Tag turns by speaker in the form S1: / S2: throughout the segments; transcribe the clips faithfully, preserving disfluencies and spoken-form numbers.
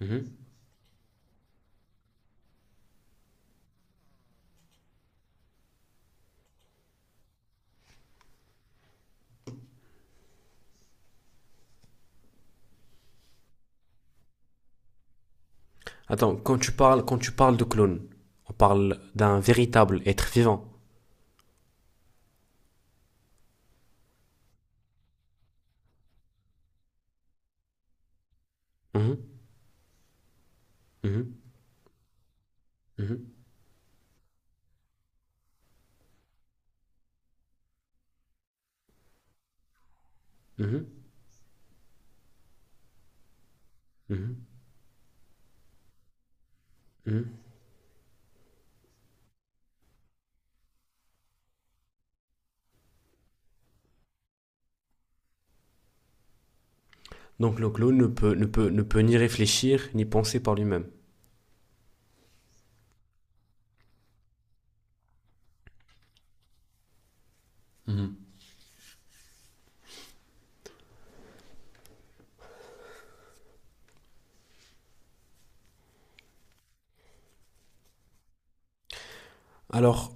S1: Mhm. Attends, quand tu parles, quand tu parles de clone, on parle d'un véritable être vivant. Mhm, mhm, mhm, mhm, mhm, mhm. Donc le clone ne peut, ne peut, ne peut ni réfléchir, ni penser par lui-même. Mhm. Alors,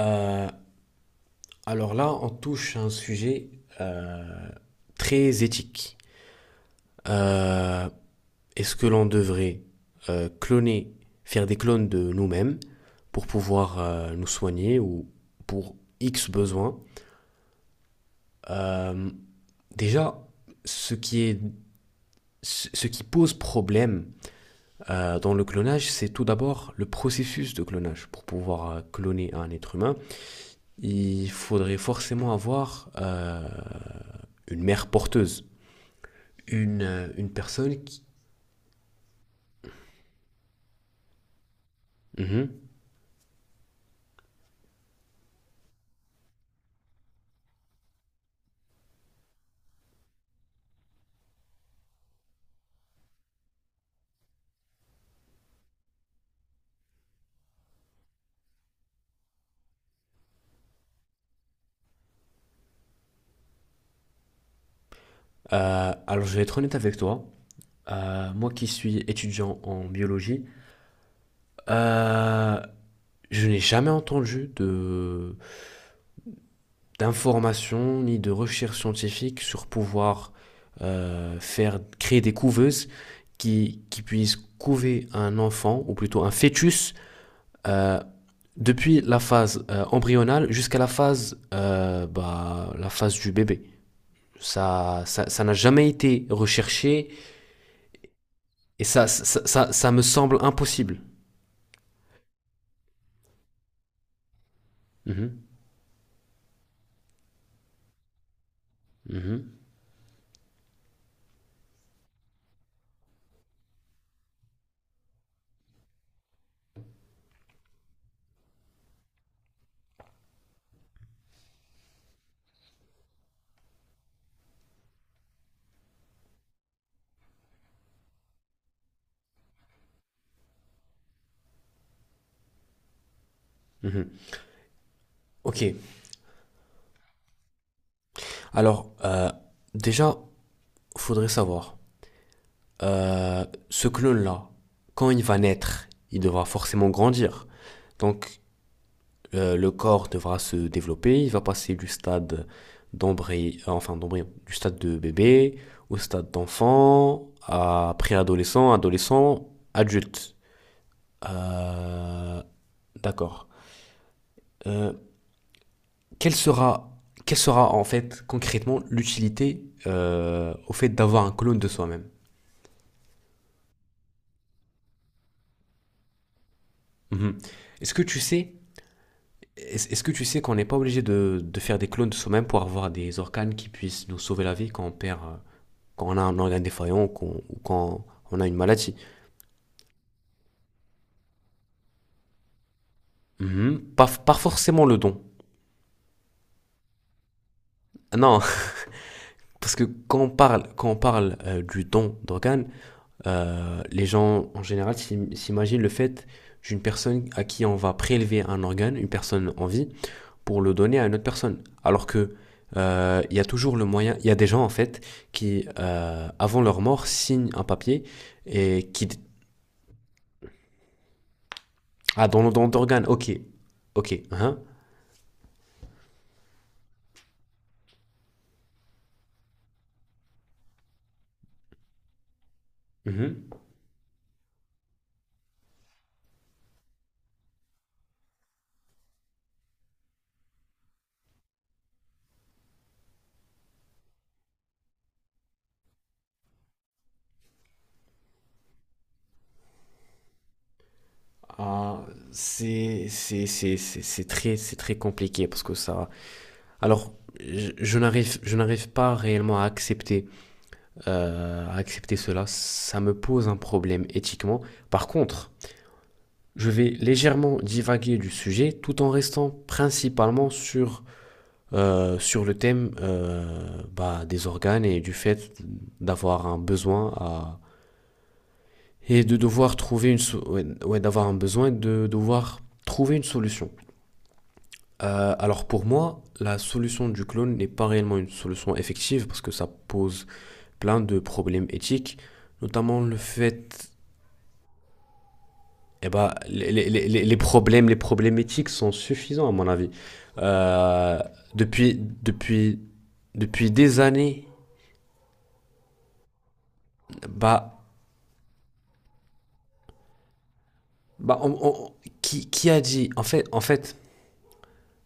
S1: euh, alors là, on touche à un sujet euh, très éthique. Euh, est-ce que l'on devrait euh, cloner, faire des clones de nous-mêmes pour pouvoir euh, nous soigner ou pour X besoin. Euh, Déjà, ce qui est, ce qui pose problème euh, dans le clonage, c'est tout d'abord le processus de clonage. Pour pouvoir euh, cloner un être humain, il faudrait forcément avoir euh, une mère porteuse, une, euh, une personne qui... Mhm. Euh, alors, je vais être honnête avec toi. Euh, moi qui suis étudiant en biologie, euh, je n'ai jamais entendu de, d'informations ni de recherche scientifique sur pouvoir euh, faire créer des couveuses qui, qui puissent couver un enfant ou plutôt un fœtus euh, depuis la phase euh, embryonale jusqu'à la phase euh, bah, la phase du bébé. Ça ça ça n'a jamais été recherché et ça ça, ça, ça me semble impossible. Mhm, mhm, mhm. Ok. Alors euh, déjà faudrait savoir euh, ce clone-là, quand il va naître, il devra forcément grandir. Donc, euh, le corps devra se développer, il va passer du stade d'embryon, enfin d'embryon, du stade de bébé au stade d'enfant, à préadolescent, adolescent, adulte. Euh, d'accord. Euh, quelle sera, quelle sera en fait concrètement l'utilité euh, au fait d'avoir un clone de soi-même? Mhm. Est-ce que tu sais Est-ce est-ce que tu sais qu'on n'est pas obligé de, de faire des clones de soi-même pour avoir des organes qui puissent nous sauver la vie quand on perd, euh, quand on a un organe défaillant ou, qu'on- ou quand on a une maladie? Mhm. Pas, f- pas forcément le don. Ah non, parce que quand on parle, quand on parle euh, du don d'organes, euh, les gens en général s'im- s'imaginent le fait d'une personne à qui on va prélever un organe, une personne en vie, pour le donner à une autre personne. Alors que euh, il y a toujours le moyen. Il y a des gens en fait qui, euh, avant leur mort, signent un papier et qui ah dans le don d'organes. Ok, ok. Hein, mhm. Ah, c'est c'est c'est c'est c'est très c'est très compliqué parce que ça. Alors je, je n'arrive je n'arrive pas réellement à accepter euh, à accepter cela. Ça me pose un problème éthiquement. Par contre, je vais légèrement divaguer du sujet tout en restant principalement sur, euh, sur le thème euh, bah, des organes et du fait d'avoir un besoin à... et de devoir trouver une so- ouais, ouais, d'avoir un besoin de devoir trouver une solution. Euh, alors pour moi, la solution du clone n'est pas réellement une solution effective parce que ça pose plein de problèmes éthiques, notamment le fait eh ben, les, les, les, les problèmes, les problématiques sont suffisants à mon avis. Euh, depuis, depuis, depuis des années, bah, bah, on- on- qui, qui a dit en fait, en fait,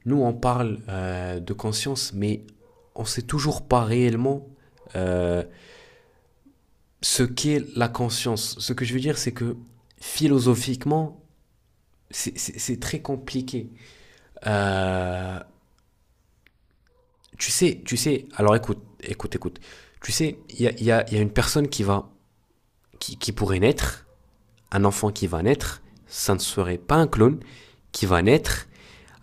S1: nous on parle euh, de conscience, mais on sait toujours pas réellement euh, ce qu'est la conscience. Ce que je veux dire, c'est que philosophiquement, c'est- c'est c'est très compliqué. Euh, Tu sais, tu sais, alors écoute, écoute, écoute. Tu sais, il y a, y a- y a une personne qui va, qui, qui pourrait naître, un enfant qui va naître, ça ne serait pas un clone, qui va naître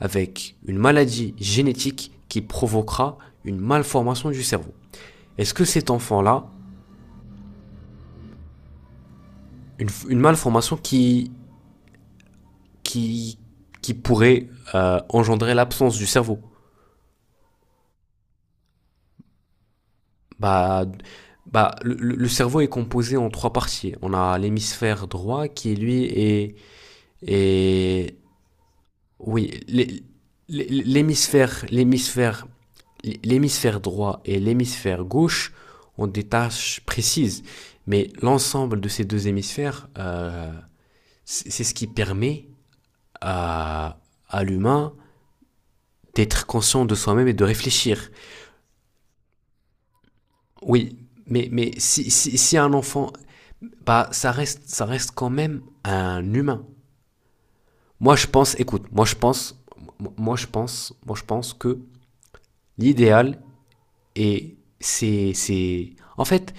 S1: avec une maladie génétique qui provoquera une malformation du cerveau. Est-ce que cet enfant-là, une, une malformation qui, qui, qui pourrait euh, engendrer l'absence du cerveau. Bah, bah, le- le cerveau est composé en trois parties. On a l'hémisphère droit qui, lui, est Et oui, l'hé- l'hémisphère, l'hémisphère, l'hémisphère droit et l'hémisphère gauche ont des tâches précises, mais l'ensemble de ces deux hémisphères, euh, c'est c'est ce qui permet à, à l'humain d'être conscient de soi-même et de réfléchir. Oui, mais, mais si, si, si un enfant, bah, ça reste, ça reste quand même un humain. Moi, je pense, écoute, moi, je pense, moi, je pense, moi, je pense que l'idéal, et c'est, c'est... En fait,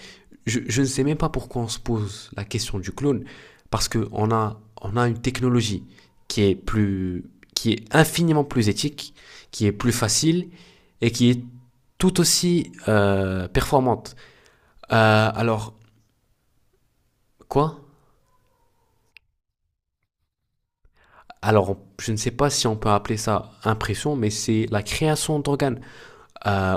S1: je, je ne sais même pas pourquoi on se pose la question du clone, parce qu'on a, on a une technologie qui est, plus, qui est infiniment plus éthique, qui est plus facile et qui est tout aussi euh, performante. Euh, alors, quoi alors, je ne sais pas si on peut appeler ça impression, mais c'est la création d'organes. Euh,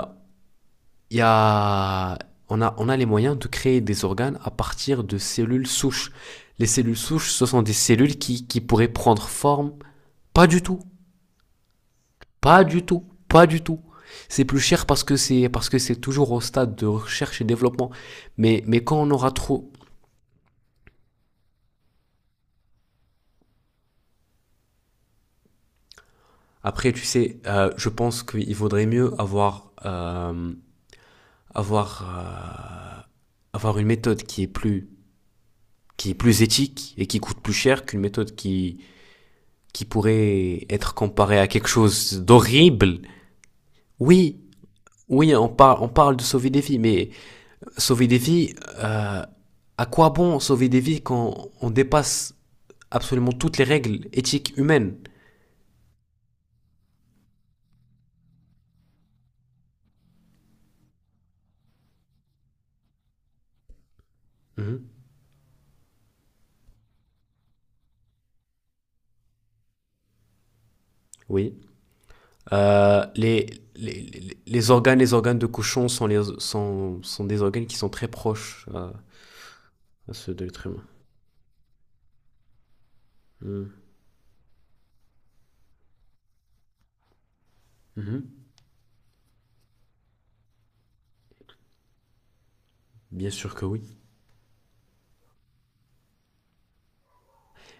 S1: il y a, on a, on a les moyens de créer des organes à partir de cellules souches. Les cellules souches, ce sont des cellules qui, qui pourraient prendre forme. Pas du tout, pas du tout, pas du tout. C'est plus cher parce que c'est parce que c'est toujours au stade de recherche et développement. Mais mais quand on aura trop, après tu sais, euh, je pense qu'il vaudrait mieux avoir euh, avoir euh, avoir une méthode qui est plus qui est plus éthique et qui coûte plus cher qu'une méthode qui qui pourrait être comparé à quelque chose d'horrible. Oui, oui, on parle, on parle de sauver des vies, mais sauver des vies, euh, à quoi bon sauver des vies quand on dépasse absolument toutes les règles éthiques humaines. Mhm, oui. Euh, les, les, les- les organes, les organes de cochon sont, les, sont, sont des organes qui sont très proches euh, à ceux de l'être humain. Mhm, mhm. Bien sûr que oui.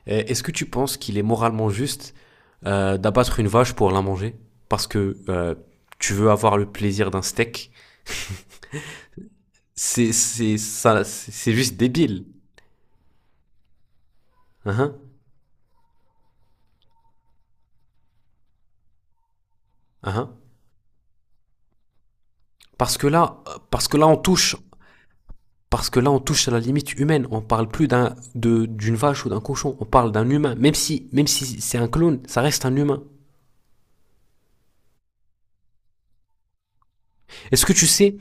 S1: Est-ce que tu penses qu'il est moralement juste euh, d'abattre une vache pour la manger parce que euh, tu veux avoir le plaisir d'un steak. C'est c'est ça, c'est c'est juste débile. Hein, hein. Hein. Parce que là, euh, parce que là on touche, parce que là on touche à la limite humaine. On parle plus d'un de d'une vache ou d'un cochon. On parle d'un humain. Même si même si c'est un clone, ça reste un humain. Est-ce que tu sais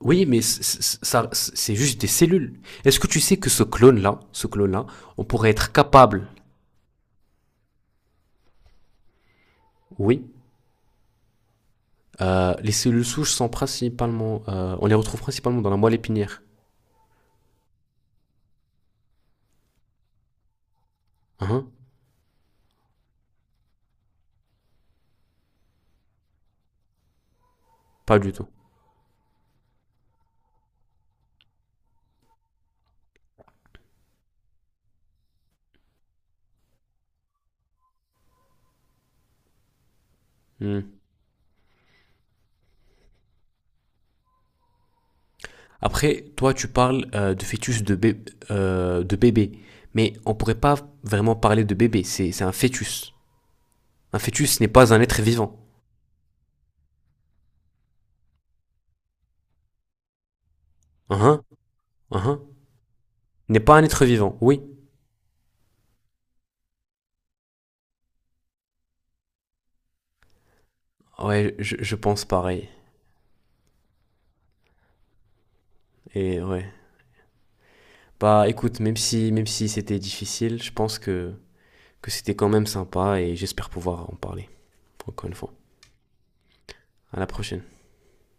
S1: Oui, mais c- c- ça c'est juste des cellules. Est-ce que tu sais que ce clone là, ce clone là, on pourrait être capable, oui, Euh, les cellules souches sont principalement, euh, on les retrouve principalement dans la moelle épinière. Hein. Pas du tout. Hmm. Après, toi, tu parles euh, de fœtus de, bé- euh, de bébé, mais on pourrait pas vraiment parler de bébé. C'est un fœtus. Un fœtus n'est pas un être vivant. Hein. Hein. N'est pas un être vivant. Oui. Ouais, je, je pense pareil. Et ouais. Bah, écoute, même si même si c'était difficile, je pense que que c'était quand même sympa et j'espère pouvoir en parler. Encore une fois. À la prochaine.